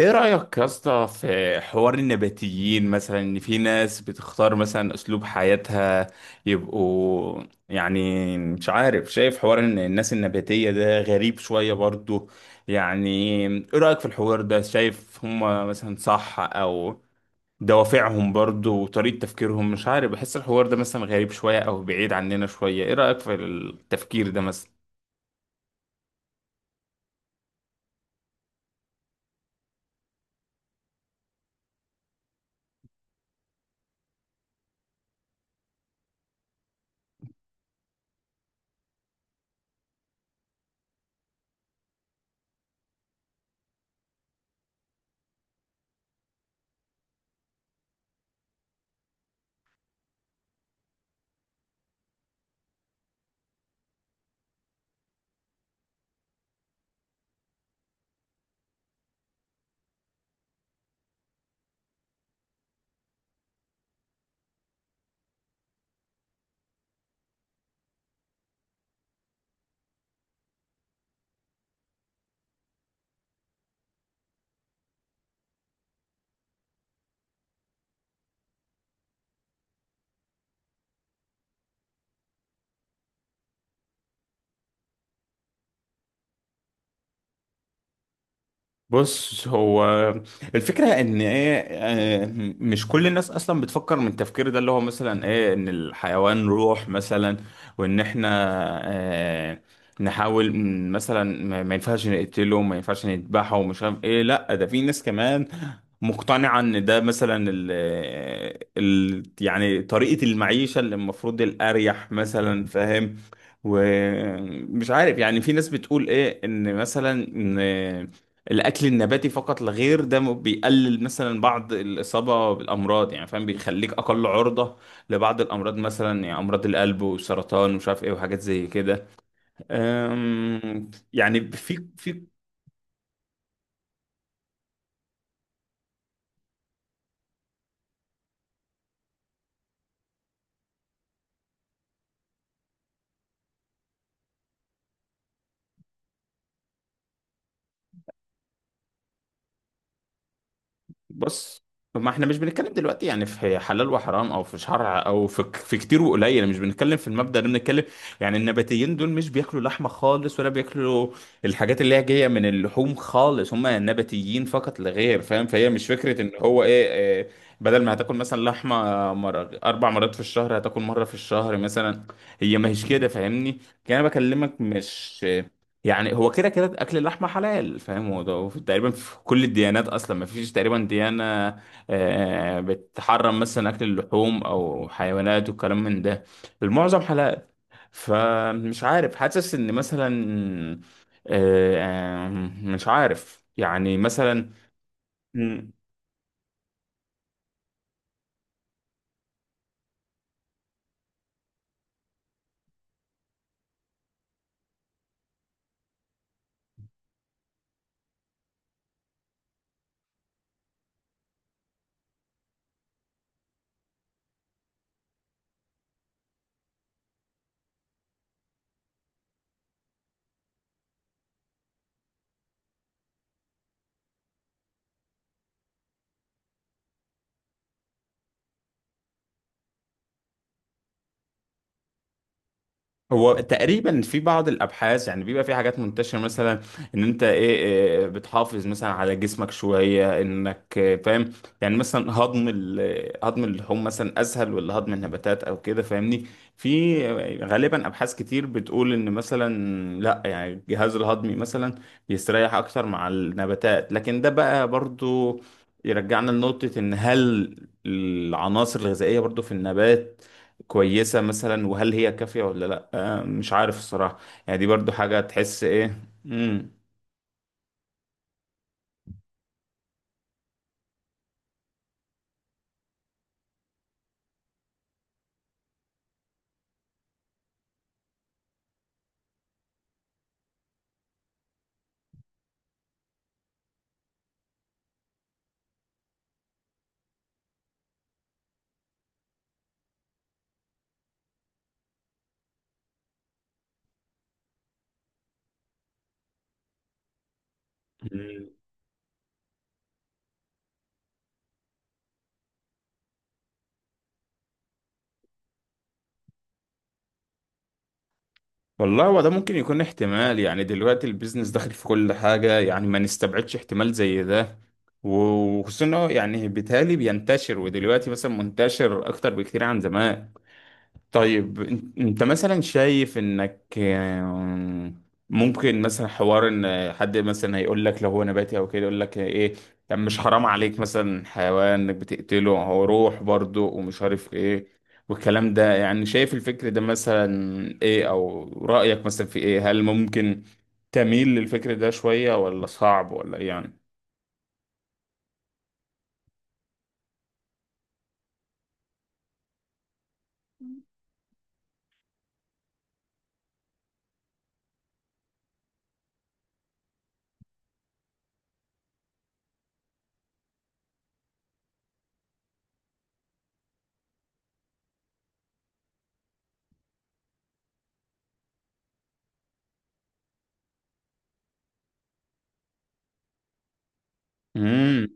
ايه رأيك يا اسطى في حوار النباتيين، مثلا ان في ناس بتختار مثلا اسلوب حياتها يبقوا، يعني مش عارف. شايف حوار ان الناس النباتية ده غريب شوية برضو، يعني. ايه رأيك في الحوار ده؟ شايف هم مثلا صح او دوافعهم برضو وطريقة تفكيرهم؟ مش عارف، بحس الحوار ده مثلا غريب شوية او بعيد عننا شوية. ايه رأيك في التفكير ده مثلا؟ بص، هو الفكرة ان ايه، مش كل الناس اصلا بتفكر من التفكير ده، اللي هو مثلا ايه، ان الحيوان روح مثلا، وان احنا آه، نحاول مثلا ما ينفعش نقتله، ما ينفعش نذبحه ومش عارف ايه. لا، ده في ناس كمان مقتنعة ان ده مثلا ال يعني طريقة المعيشة اللي المفروض الاريح مثلا، فاهم. ومش عارف، يعني في ناس بتقول ايه ان مثلا الاكل النباتي فقط لا غير ده بيقلل مثلا بعض الاصابه بالامراض، يعني فاهم، بيخليك اقل عرضه لبعض الامراض مثلا، يعني امراض القلب والسرطان ومش عارف ايه وحاجات زي كده. يعني في. بص، ما احنا مش بنتكلم دلوقتي يعني في حلال وحرام او في شرع او في في كتير وقليل، مش بنتكلم في المبدأ ده. بنتكلم يعني النباتيين دول مش بياكلوا لحمة خالص ولا بياكلوا الحاجات اللي هي جاية من اللحوم خالص، هم نباتيين فقط لا غير، فاهم. فهي مش فكرة ان هو إيه بدل ما هتاكل مثلا لحمة مرة اربع مرات في الشهر هتاكل مرة في الشهر مثلا. هي ما هيش كده، فاهمني. يعني انا بكلمك مش يعني، هو كده كده اكل اللحمه حلال، فاهم. هو ده، هو تقريبا في كل الديانات اصلا ما فيش تقريبا ديانه بتحرم مثلا اكل اللحوم او حيوانات وكلام من ده. المعظم حلال. فمش عارف، حاسس ان مثلا آه، آه، مش عارف يعني مثلا. هو تقريبا في بعض الابحاث، يعني بيبقى في حاجات منتشره مثلا ان انت ايه إيه، بتحافظ مثلا على جسمك شويه انك فاهم. يعني مثلا هضم هضم اللحوم مثلا اسهل ولا هضم النباتات او كده، فاهمني. في غالبا ابحاث كتير بتقول ان مثلا لا، يعني الجهاز الهضمي مثلا بيستريح اكتر مع النباتات، لكن ده بقى برضو يرجعنا لنقطه ان هل العناصر الغذائيه برضو في النبات كويسة مثلا، وهل هي كافية ولا لأ. مش عارف الصراحة. يعني دي برضو حاجة تحس إيه. مم. مم. والله هو ده ممكن يكون احتمال. يعني دلوقتي البيزنس داخل في كل حاجة، يعني ما نستبعدش احتمال زي ده، وخصوصا إن هو يعني بالتالي بينتشر، ودلوقتي مثلا منتشر أكتر بكتير عن زمان. طيب، انت مثلا شايف انك ممكن مثلا حوار ان حد مثلا هيقول لك لو هو نباتي او كده، يقول لك ايه، طب مش حرام عليك مثلا حيوان انك بتقتله، هو روح برضه ومش عارف ايه، والكلام ده. يعني شايف الفكر ده مثلا ايه، او رأيك مثلا في ايه، هل ممكن تميل للفكر ده شوية ولا صعب ولا إيه يعني؟ امم.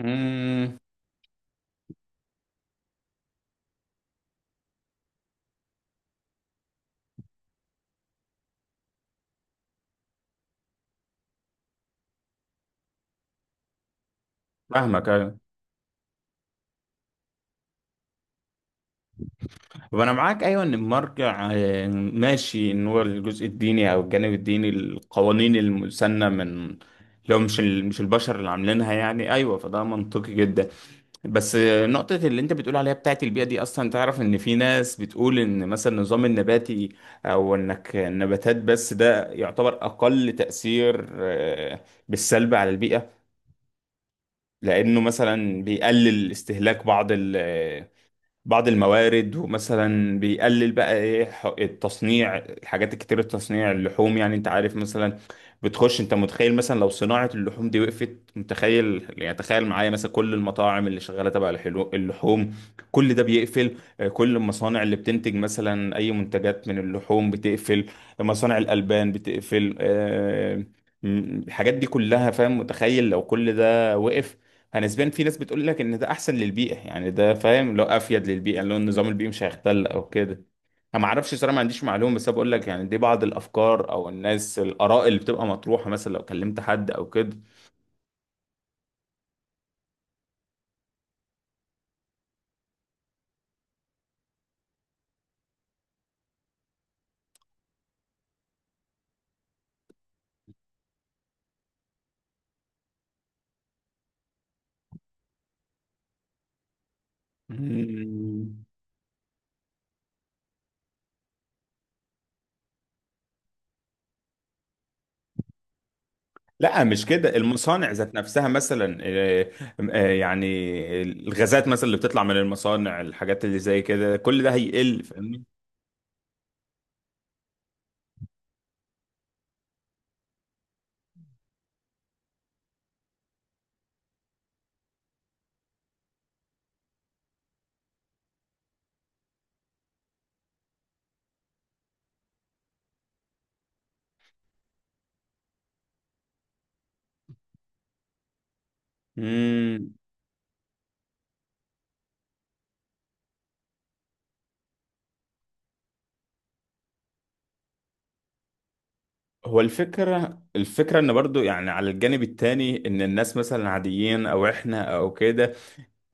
امم. فاهمك. وانا معاك ايوه ان المرجع، ماشي، ان هو الجزء الديني او الجانب الديني، القوانين المسنه من، لو مش مش البشر اللي عاملينها، يعني ايوه، فده منطقي جدا. بس نقطه اللي انت بتقول عليها بتاعت البيئه دي، اصلا تعرف ان في ناس بتقول ان مثلا النظام النباتي او انك النباتات بس، ده يعتبر اقل تاثير بالسلب على البيئه، لانه مثلا بيقلل استهلاك بعض بعض الموارد، ومثلا بيقلل بقى ايه، التصنيع، الحاجات الكتير، التصنيع اللحوم، يعني انت عارف مثلا بتخش. انت متخيل مثلا لو صناعة اللحوم دي وقفت؟ متخيل يعني؟ تخيل معايا مثلا كل المطاعم اللي شغالة تبع اللحوم كل ده بيقفل، كل المصانع اللي بتنتج مثلا اي منتجات من اللحوم بتقفل، مصانع الألبان بتقفل، الحاجات دي كلها، فاهم. متخيل لو كل ده وقف؟ انا نسبيا في ناس بتقول لك ان ده احسن للبيئه، يعني ده فاهم، لو افيد للبيئه، لو النظام البيئي مش هيختل او كده. انا ما اعرفش صراحه، ما عنديش معلومه، بس أنا بقول لك يعني دي بعض الافكار او الناس الاراء اللي بتبقى مطروحه، مثلا لو كلمت حد او كده. مم. لا مش كده، المصانع ذات نفسها مثلا، يعني الغازات مثلا اللي بتطلع من المصانع، الحاجات اللي زي كده كل ده هيقل، فاهمني. مم. هو الفكرة ان برضو يعني على الجانب التاني ان الناس مثلا عاديين، او احنا او كده.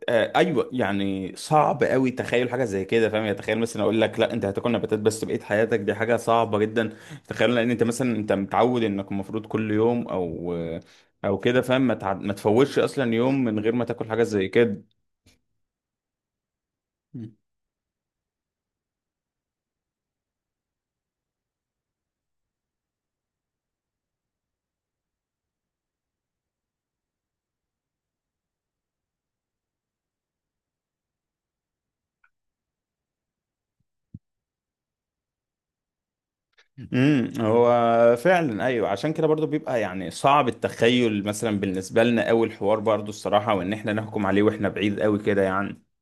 آه ايوه، يعني صعب قوي تخيل حاجة زي كده، فاهم. يعني تخيل مثلا اقول لك لا، انت هتاكل نباتات بس بقية حياتك، دي حاجة صعبة جدا. تخيل، لان انت مثلا، انت متعود انك المفروض كل يوم او كده فاهم، ما تفوتش اصلا يوم من غير ما تاكل حاجة زي كده. هو فعلا ايوه، عشان كده برضو بيبقى يعني صعب التخيل مثلا بالنسبه لنا قوي، الحوار برضو الصراحه، وان احنا نحكم عليه واحنا بعيد قوي كده، يعني.